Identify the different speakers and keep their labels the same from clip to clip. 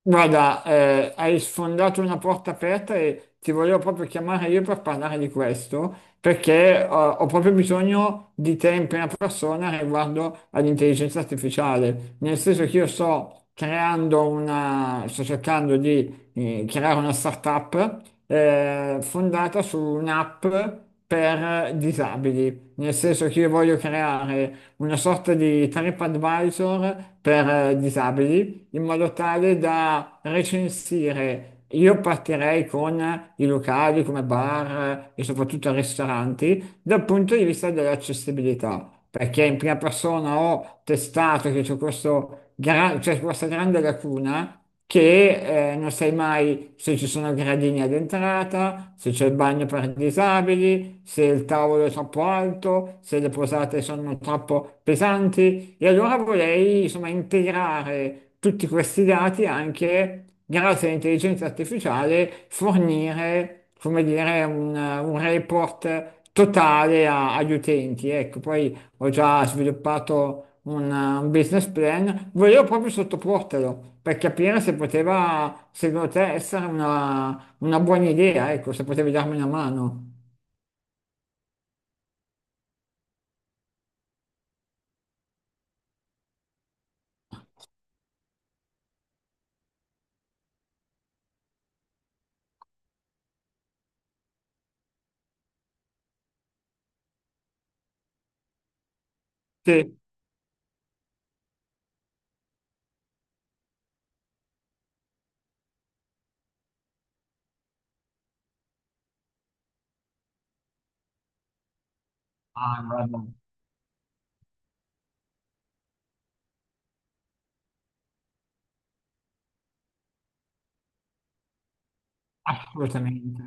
Speaker 1: Guarda, hai sfondato una porta aperta e ti volevo proprio chiamare io per parlare di questo, perché ho proprio bisogno di te in prima persona riguardo all'intelligenza artificiale, nel senso che io sto creando una, sto cercando di creare una startup fondata su un'app per disabili, nel senso che io voglio creare una sorta di TripAdvisor per disabili in modo tale da recensire. Io partirei con i locali come bar e soprattutto ristoranti dal punto di vista dell'accessibilità, perché in prima persona ho testato che c'è questa grande lacuna che non sai mai se ci sono gradini ad entrata, se c'è il bagno per disabili, se il tavolo è troppo alto, se le posate sono troppo pesanti. E allora vorrei, insomma, integrare tutti questi dati anche grazie all'intelligenza artificiale, fornire, come dire, un report totale agli utenti. Ecco, poi ho già sviluppato un business plan, volevo proprio sottoportelo per capire se poteva, secondo te, essere una buona idea, ecco, se potevi darmi una mano. Sì. Ah, guarda, assolutamente.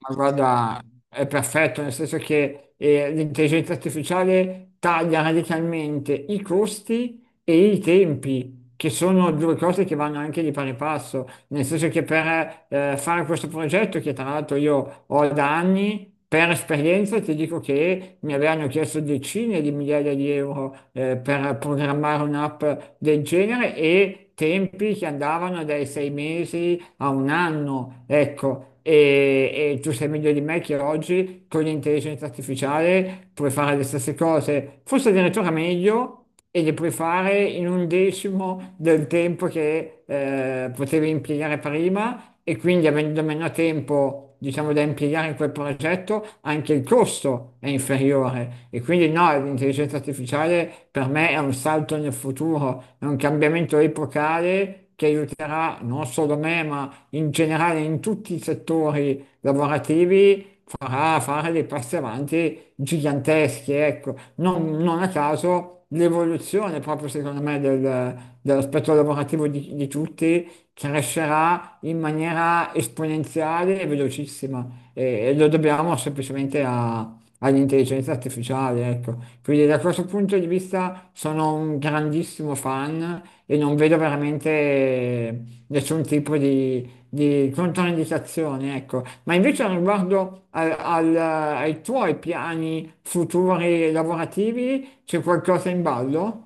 Speaker 1: Ma guarda, è perfetto, nel senso che l'intelligenza artificiale taglia radicalmente i costi e i tempi, che sono due cose che vanno anche di pari passo, nel senso che per fare questo progetto, che tra l'altro io ho da anni, per esperienza ti dico che mi avevano chiesto decine di migliaia di euro per programmare un'app del genere e tempi che andavano dai sei mesi a un anno, ecco. E tu sei meglio di me che oggi con l'intelligenza artificiale puoi fare le stesse cose, forse addirittura meglio, e le puoi fare in un decimo del tempo che potevi impiegare prima e quindi avendo meno tempo, diciamo, da impiegare in quel progetto, anche il costo è inferiore. E quindi no, l'intelligenza artificiale per me è un salto nel futuro, è un cambiamento epocale che aiuterà non solo me, ma in generale in tutti i settori lavorativi farà fare dei passi avanti giganteschi, ecco. Non a caso l'evoluzione proprio secondo me dell'aspetto lavorativo di tutti crescerà in maniera esponenziale e velocissima e, e lo dobbiamo semplicemente all'intelligenza artificiale, ecco. Quindi da questo punto di vista sono un grandissimo fan e non vedo veramente nessun tipo di controindicazioni, ecco. Ma invece riguardo ai tuoi piani futuri lavorativi, c'è qualcosa in ballo?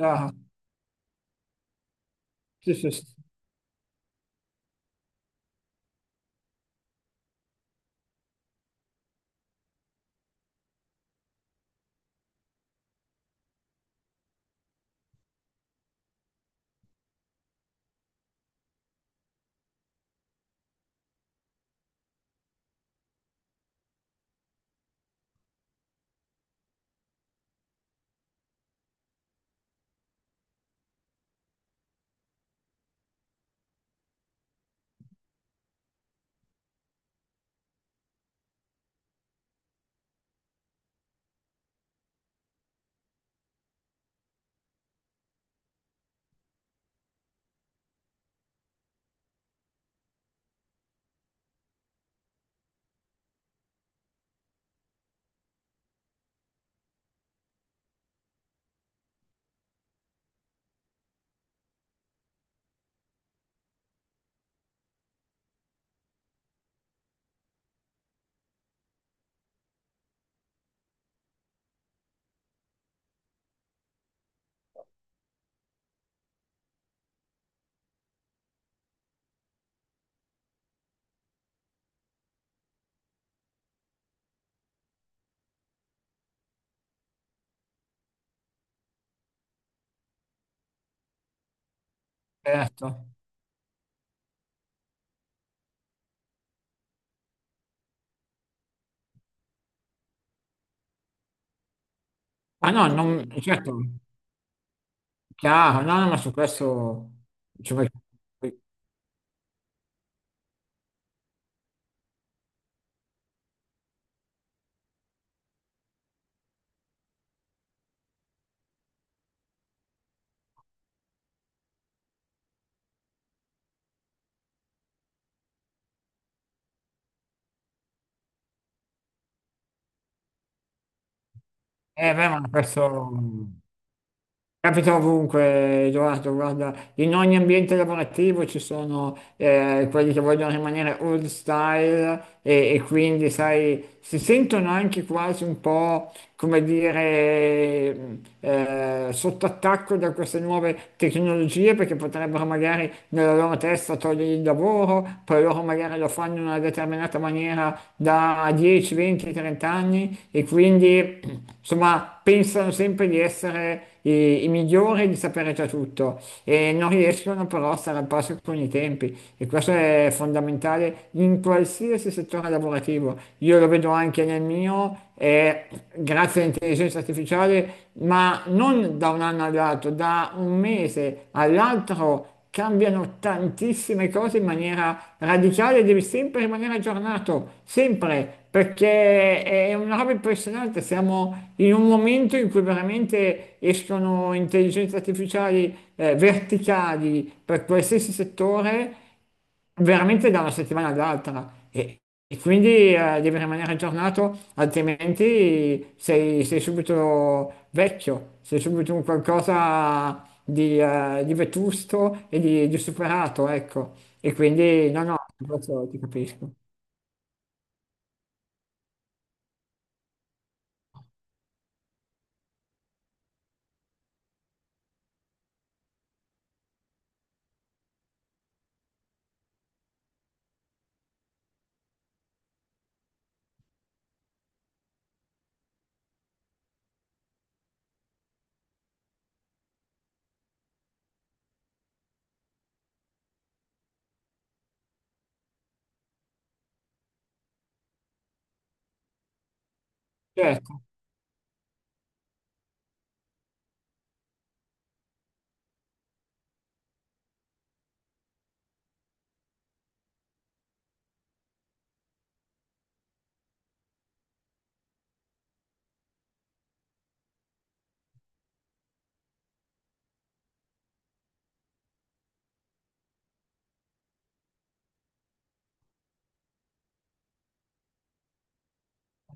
Speaker 1: Ah, sì, sì, sì, certo. Ah no, non, certo, chiaro, no, no, ma su questo... ci vuoi- beh, ma questo... Capita ovunque, Edoardo, guarda, in ogni ambiente lavorativo ci sono quelli che vogliono rimanere old style e quindi, sai, si sentono anche quasi un po', come dire, sotto attacco da queste nuove tecnologie perché potrebbero magari nella loro testa togliere il lavoro, poi loro magari lo fanno in una determinata maniera da 10, 20, 30 anni e quindi insomma pensano sempre di essere i, i migliori, di sapere già tutto e non riescono però a stare al passo con i tempi e questo è fondamentale in qualsiasi settore lavorativo. Io lo vedo anche nel mio, e grazie all'intelligenza artificiale, ma non da un anno all'altro, da un mese all'altro cambiano tantissime cose in maniera radicale, e devi sempre rimanere aggiornato, sempre, perché è una roba impressionante, siamo in un momento in cui veramente escono intelligenze artificiali verticali per qualsiasi settore veramente da una settimana all'altra e quindi devi rimanere aggiornato, altrimenti sei, sei subito vecchio, sei subito un qualcosa di vetusto e di superato, ecco. E quindi no, no, questo ti capisco. Certo,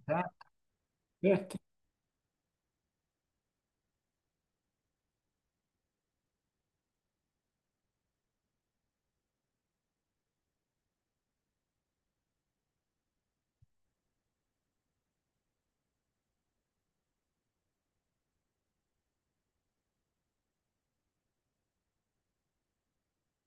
Speaker 1: eh, certo.